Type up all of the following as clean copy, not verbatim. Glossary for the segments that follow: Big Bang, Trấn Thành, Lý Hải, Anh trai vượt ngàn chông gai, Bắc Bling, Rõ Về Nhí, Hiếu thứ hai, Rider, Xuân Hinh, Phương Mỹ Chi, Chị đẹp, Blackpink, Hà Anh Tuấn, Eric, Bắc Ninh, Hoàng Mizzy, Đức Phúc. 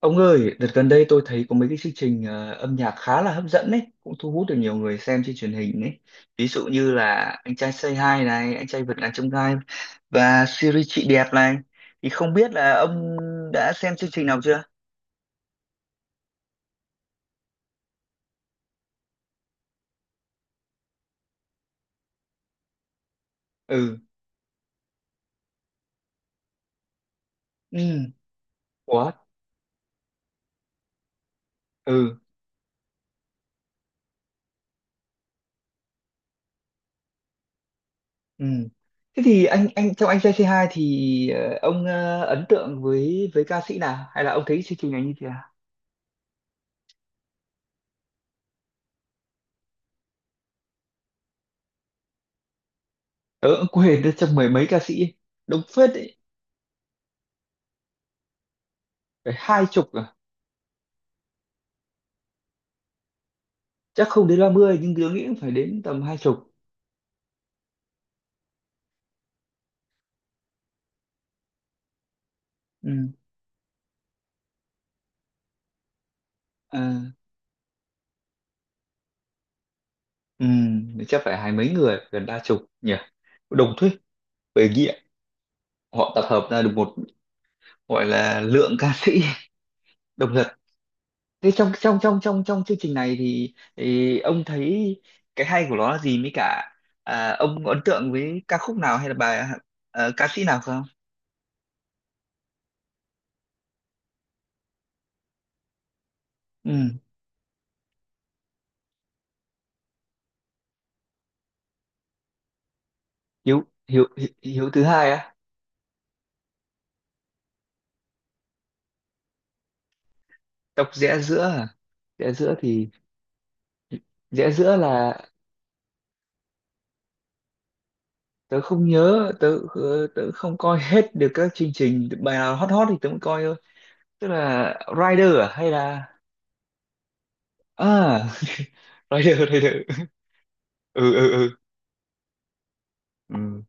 Ông ơi, đợt gần đây tôi thấy có mấy cái chương trình âm nhạc khá là hấp dẫn đấy, cũng thu hút được nhiều người xem trên truyền hình đấy. Ví dụ như là Anh trai Say Hi này, Anh trai vượt ngàn chông gai và series Chị đẹp này. Thì không biết là ông đã xem chương trình nào chưa? Ừ. Ừ. What? Ừ. Ừ. Thế thì anh trong Anh trai Say Hi thì, ông ấn tượng với ca sĩ nào hay là ông thấy chương trình này như thế nào? Ờ, ông quên được trong mười mấy ca sĩ đông phết đấy, phải hai chục à? Chắc không đến 30 nhưng tớ nghĩ cũng phải đến tầm hai chục. Ừ. À, ừ. Chắc phải hai mấy người gần ba chục nhỉ, đồng thuyết về nghĩa họ tập hợp ra được một gọi là lượng ca sĩ đồng thật. Thế trong trong trong trong trong chương trình này thì ông thấy cái hay của nó là gì, mới cả à, ông có ấn tượng với ca khúc nào hay là bài, à, ca sĩ nào không? Ừ. Hiếu, hiếu thứ hai á? Đọc rẽ giữa à? Rẽ giữa thì rẽ giữa là, tớ không nhớ, tớ tớ không coi hết được các chương trình, bài nào hot hot thì tớ mới coi thôi. Tức là Rider à hay là, à, Rider, Rider. Ừ, ừ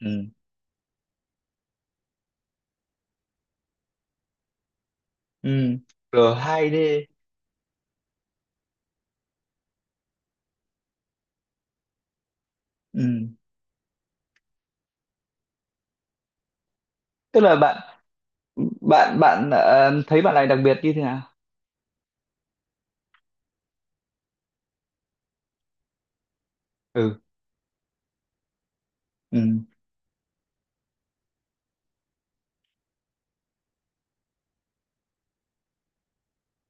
ừ ừ R2D. Ừ, tức là bạn, bạn thấy bạn này đặc biệt như thế nào? Ừ. ừ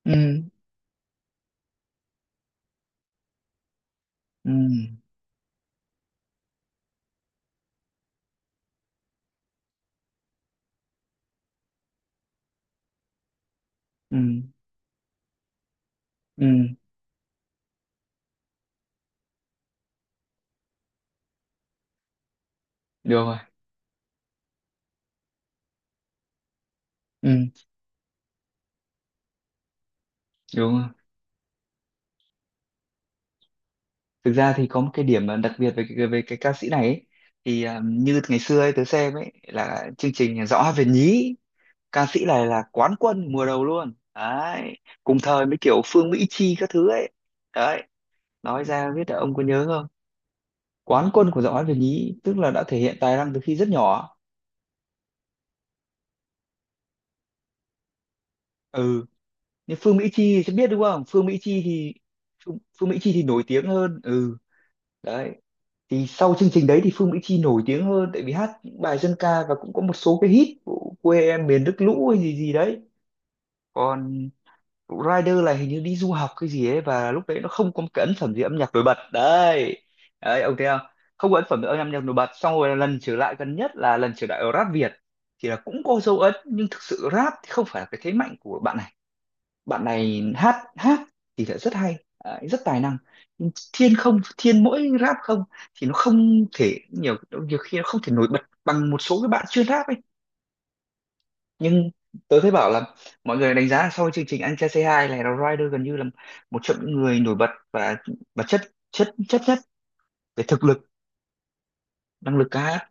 ừ ừ ừ ừ Được rồi. Ừ. Đúng rồi. Thực ra thì có một cái điểm mà đặc biệt về cái ca sĩ này ấy, thì à, như ngày xưa ấy, tớ xem ấy là chương trình Rõ Về Nhí, ca sĩ này là quán quân mùa đầu luôn đấy, cùng thời với kiểu Phương Mỹ Chi các thứ ấy. Đấy, nói ra biết là ông có nhớ không, quán quân của Rõ Về Nhí tức là đã thể hiện tài năng từ khi rất nhỏ. Ừ, nhưng Phương Mỹ Chi thì sẽ biết đúng không, Phương Mỹ Chi thì, Phương Mỹ Chi thì nổi tiếng hơn. Ừ. Đấy, thì sau chương trình đấy thì Phương Mỹ Chi nổi tiếng hơn tại vì hát những bài dân ca và cũng có một số cái hit của quê em miền nước lũ hay gì gì đấy. Còn Rider là hình như đi du học cái gì ấy và lúc đấy nó không có một cái ấn phẩm gì âm nhạc nổi bật đấy. Đấy, ông thấy không, không có ấn phẩm âm nhạc nổi bật, xong rồi lần trở lại gần nhất là lần trở lại ở rap Việt thì là cũng có dấu ấn, nhưng thực sự rap thì không phải là cái thế mạnh của bạn này. Bạn này hát hát thì lại rất hay, đấy, rất tài năng. Nhưng thiên không, thiên mỗi rap không thì nó không thể, nhiều nhiều khi nó không thể nổi bật bằng một số cái bạn chuyên rap ấy. Nhưng tớ thấy bảo là mọi người đánh giá là sau chương trình Anh Trai Say Hi này là Rider gần như là một trong những người nổi bật và chất, chất nhất về thực lực, năng lực ca hát.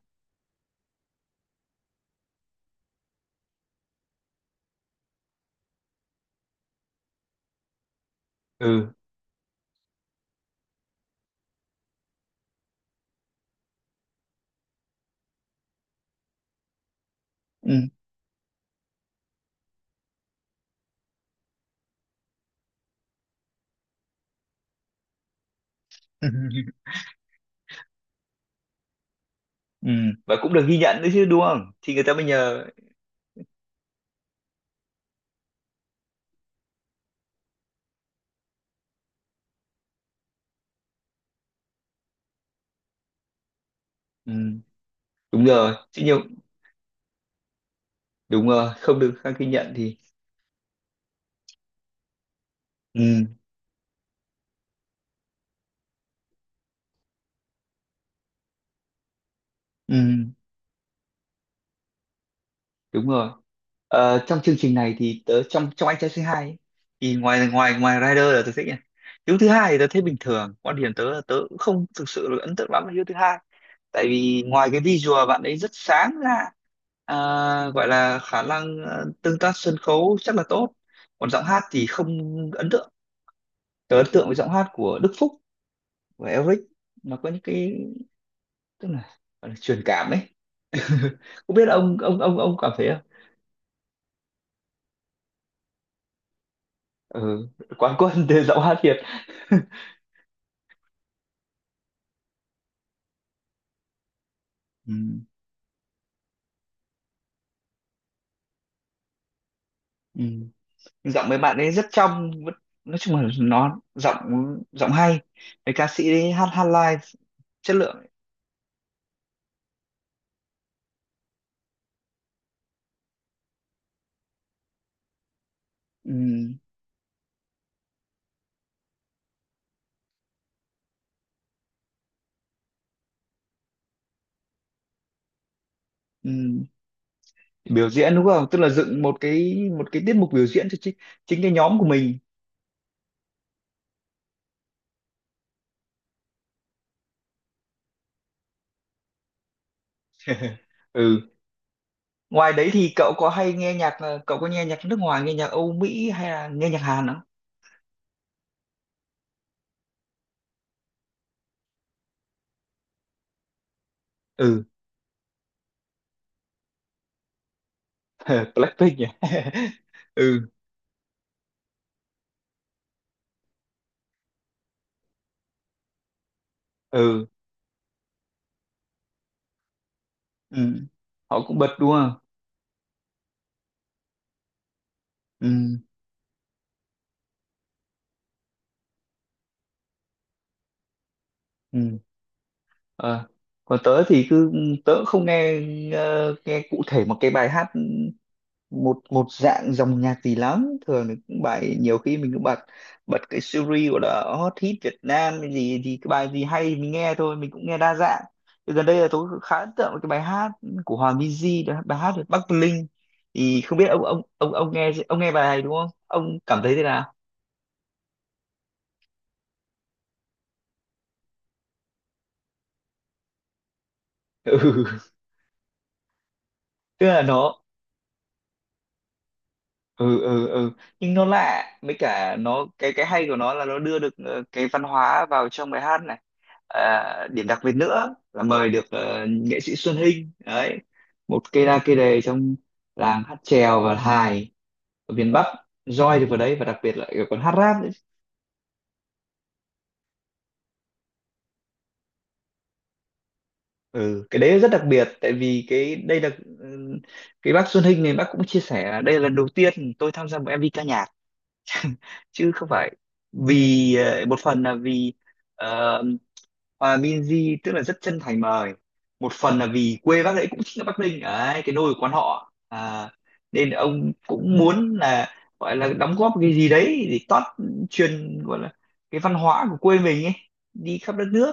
Ừ. Ừ. Ừ, và cũng được ghi nhận nữa chứ đúng không, thì người ta mới nhờ. Ừ, đúng rồi chứ nhiều. Đúng rồi, không được khang ghi nhận thì. Ừ. Ừ, đúng rồi. Ờ, trong chương trình này thì tớ, trong trong anh trai C2 ấy, thì ngoài ngoài ngoài Rider là tớ thích nha. Hiếu thứ hai thì tớ thấy bình thường. Quan điểm tớ là tớ cũng không thực sự là ấn tượng lắm với Hiếu thứ hai. Tại vì ngoài cái visual bạn ấy rất sáng ra, à, gọi là khả năng tương tác sân khấu chắc là tốt. Còn giọng hát thì không ấn tượng. Tớ ấn tượng với giọng hát của Đức Phúc và Eric. Nó có những cái, tức là, gọi là truyền cảm ấy. Không biết là ông ông cảm thấy. Ừ, quán quân thì giọng hát Việt. Ừ. Ừ, giọng mấy bạn ấy rất trong vẫn-, nói chung là nó giọng, giọng hay, cái ca sĩ ấy hát hát live chất lượng. Ừ. Ừ. Biểu diễn đúng không, tức là dựng một cái, một cái tiết mục biểu diễn cho chính, chính cái nhóm của mình. Ừ, ngoài đấy thì cậu có hay nghe nhạc, cậu có nghe nhạc nước ngoài, nghe nhạc Âu Mỹ hay là nghe nhạc Hàn không? Ừ. Blackpink nhỉ. ừ ừ ừ. Họ cũng bật đúng không. Ừ. Ừ. Ờ, còn tớ thì cứ, tớ cũng không nghe nghe cụ thể một cái bài hát, một một dạng dòng nhạc gì lắm. Thường thì cũng bài, nhiều khi mình cũng bật, bật cái series gọi là hot hit Việt Nam cái gì, thì cái bài gì hay mình nghe thôi, mình cũng nghe đa dạng. Thì gần đây là tôi khá ấn tượng với cái bài hát của Hoàng Mizzy, đó là bài hát về Bắc Bling. Thì không biết ông, ông nghe, ông nghe bài này đúng không, ông cảm thấy thế nào? Ừ, tức là nó. Ừ. Nhưng nó lạ, với cả nó, cái hay của nó là nó đưa được cái văn hóa vào trong bài hát này. À, điểm đặc biệt nữa là mời được nghệ sĩ Xuân Hinh đấy, một cây đa cây đề trong làng hát chèo và hài ở miền Bắc, roi được vào đấy, và đặc biệt lại còn hát rap nữa. Ừ, cái đấy rất đặc biệt tại vì cái đây là, ừ, cái bác Xuân Hinh này bác cũng chia sẻ là đây là lần đầu tiên tôi tham gia một MV ca nhạc, chứ không phải vì, một phần là vì, ờ, Hòa Minzy tức là rất chân thành mời. Một phần là vì quê bác ấy cũng chính là Bắc Ninh đấy, cái nôi của quan họ, à, nên ông cũng muốn là gọi là đóng góp cái gì đấy để tót, truyền gọi là cái văn hóa của quê mình ấy đi khắp đất nước.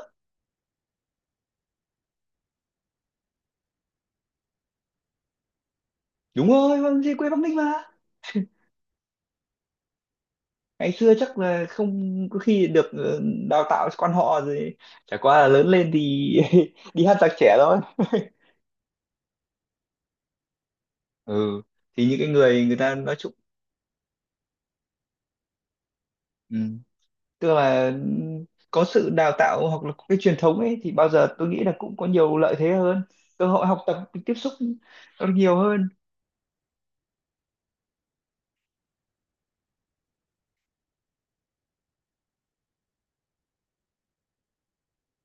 Đúng rồi, Hòa Minzy quê Bắc Ninh mà, ngày xưa chắc là không có khi được đào tạo quan họ rồi, chả qua là lớn lên thì đi hát giặc trẻ thôi. Ừ, thì những cái người, người ta nói chung. Ừ, tức là có sự đào tạo hoặc là có cái truyền thống ấy thì bao giờ tôi nghĩ là cũng có nhiều lợi thế hơn, cơ hội học tập tiếp xúc nó nhiều hơn.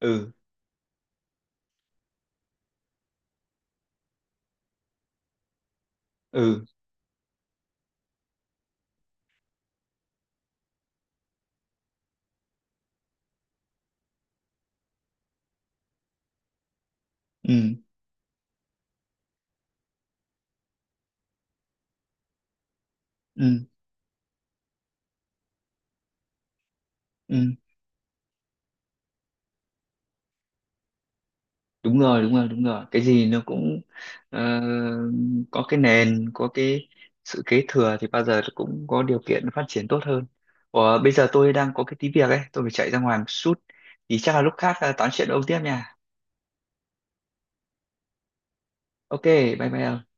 Ừ ừ ừ ừ ừ Đúng rồi, đúng rồi cái gì nó cũng, ờ, có cái nền, có cái sự kế thừa thì bao giờ nó cũng có điều kiện phát triển tốt hơn. Ủa, bây giờ tôi đang có cái tí việc ấy, tôi phải chạy ra ngoài một chút, thì chắc là lúc khác à, tám chuyện ôm tiếp nha. Ok, bye bye.